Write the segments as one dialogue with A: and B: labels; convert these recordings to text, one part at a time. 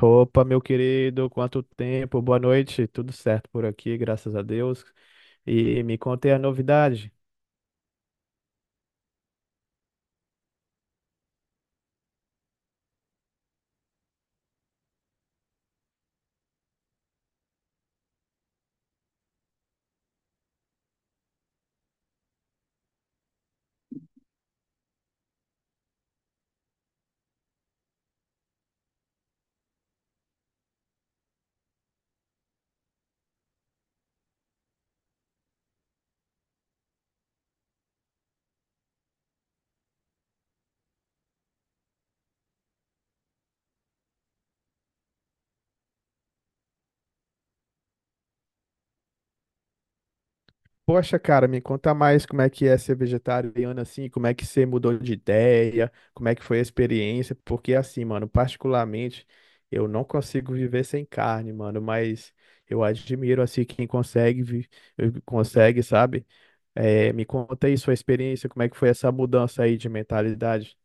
A: Opa, meu querido, quanto tempo, boa noite, tudo certo por aqui, graças a Deus. E me contei a novidade. Poxa, cara, me conta mais como é que é ser vegetariano assim, como é que você mudou de ideia, como é que foi a experiência, porque assim, mano, particularmente, eu não consigo viver sem carne, mano, mas eu admiro assim quem consegue, consegue, sabe? Me conta aí sua experiência, como é que foi essa mudança aí de mentalidade.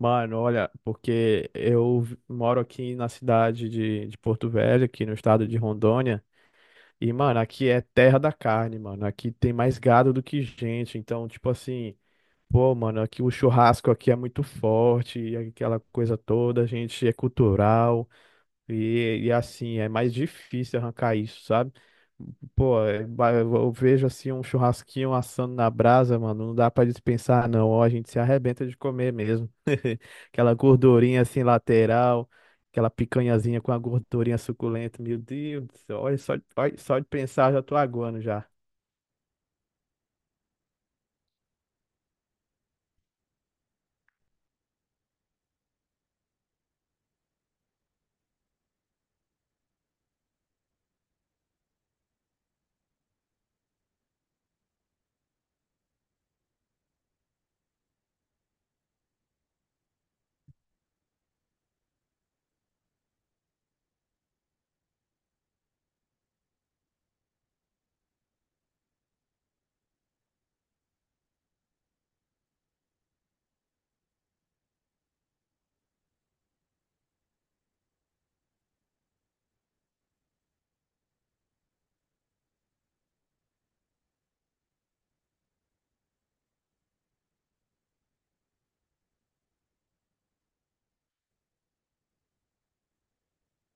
A: Mano, olha, porque eu moro aqui na cidade de Porto Velho, aqui no estado de Rondônia, e, mano, aqui é terra da carne, mano. Aqui tem mais gado do que gente, então, tipo assim, pô, mano, aqui o churrasco aqui é muito forte, e aquela coisa toda, a gente é cultural, e assim, é mais difícil arrancar isso, sabe? Pô, eu vejo assim um churrasquinho assando na brasa, mano, não dá pra dispensar, não, ó, a gente se arrebenta de comer mesmo. Aquela gordurinha assim lateral, aquela picanhazinha com a gordurinha suculenta. Meu Deus do céu, olha, só de pensar já tô aguando já.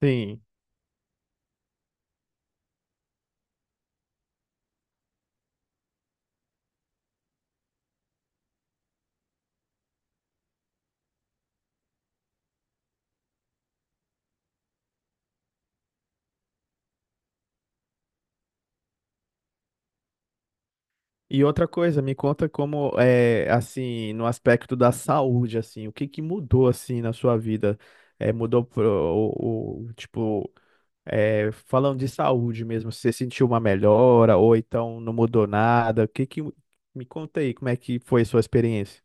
A: Sim. E outra coisa, me conta como é assim, no aspecto da saúde, assim, o que que mudou assim na sua vida? É, mudou pro, o- tipo, é, falando de saúde mesmo, você sentiu uma melhora ou então não mudou nada? O que que, me conta aí, como é que foi a sua experiência?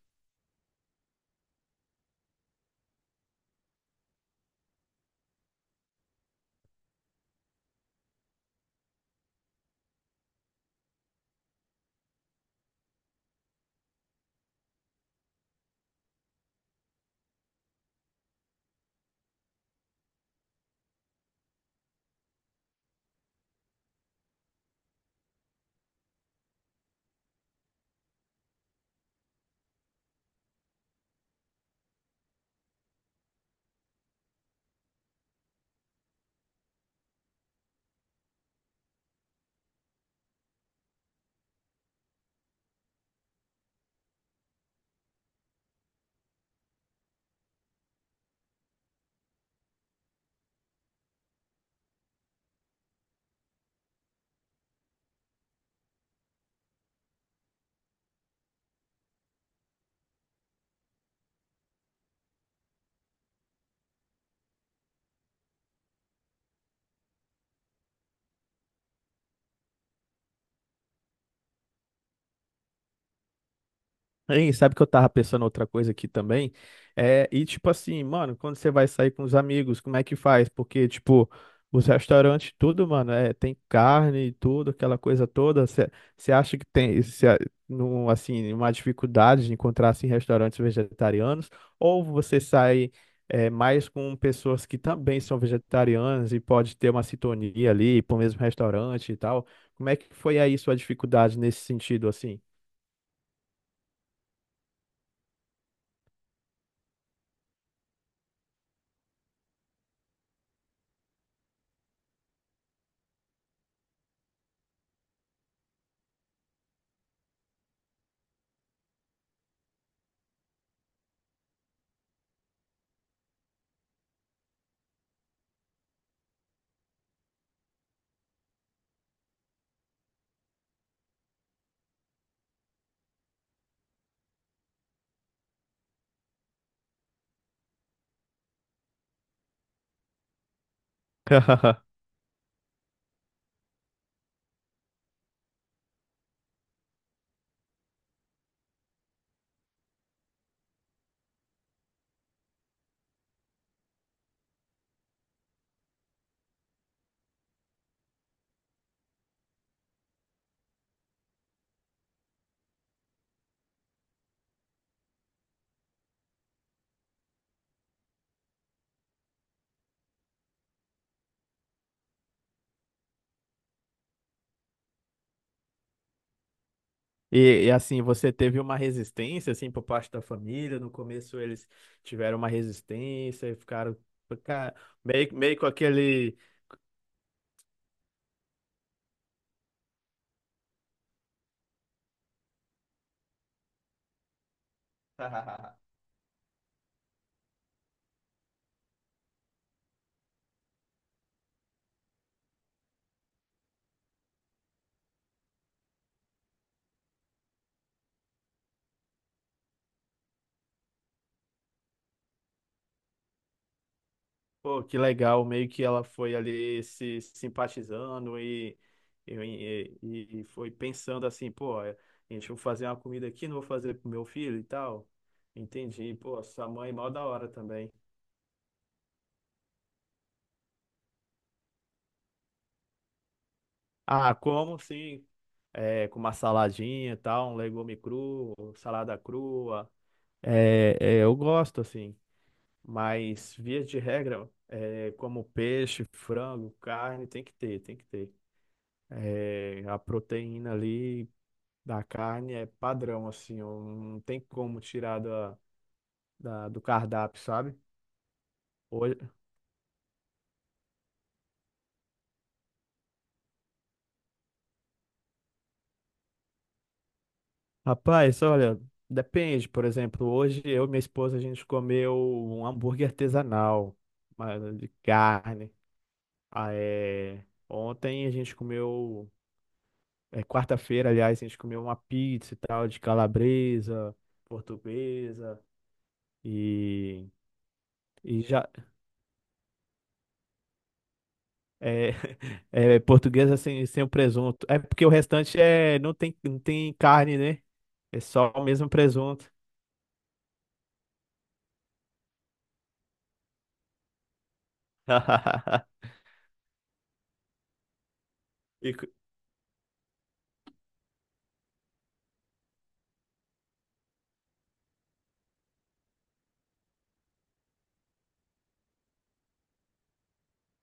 A: Hein, sabe que eu tava pensando outra coisa aqui também? É, e tipo assim, mano, quando você vai sair com os amigos, como é que faz? Porque, tipo, os restaurantes, tudo, mano, é, tem carne e tudo, aquela coisa toda. Você acha que tem, assim, uma dificuldade de encontrar, assim, restaurantes vegetarianos? Ou você sai, é, mais com pessoas que também são vegetarianas e pode ter uma sintonia ali pro mesmo restaurante e tal? Como é que foi aí sua dificuldade nesse sentido, assim? E, e, assim, você teve uma resistência, assim, por parte da família. No começo eles tiveram uma resistência e ficaram, fica- meio, meio com aquele. Pô, que legal, meio que ela foi ali se simpatizando e foi pensando assim, pô, é, gente, vou fazer uma comida aqui, não vou fazer pro meu filho e tal. Entendi, pô, sua mãe mó da hora também. Ah, como sim? É, com uma saladinha e tal, um legume cru, salada crua. É, é, eu gosto, assim, mas via de regra, é, como peixe, frango, carne, tem que ter, tem que ter. É, a proteína ali da carne é padrão, assim, eu não tem como tirar do cardápio, sabe? Hoje, rapaz, olha, depende, por exemplo, hoje eu e minha esposa a gente comeu um hambúrguer artesanal, mas de carne. Ah, é, ontem a gente comeu. É, quarta-feira, aliás, a gente comeu uma pizza e tal, de calabresa, portuguesa e, e já é, é, portuguesa sem o presunto. É porque o restante é não tem, não tem carne, né? É só o mesmo presunto. E co-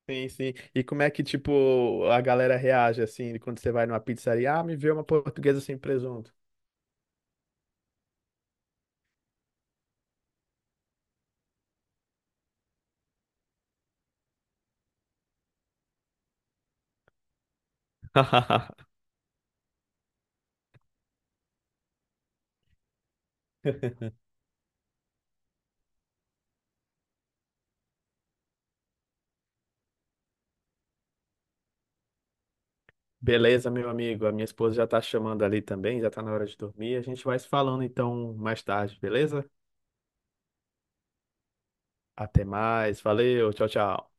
A: sim, sim. E como é que, tipo, a galera reage assim quando você vai numa pizzaria? Ah, me vê uma portuguesa sem presunto. Beleza, meu amigo. A minha esposa já tá chamando ali também, já tá na hora de dormir. A gente vai se falando então mais tarde, beleza? Até mais. Valeu, tchau, tchau.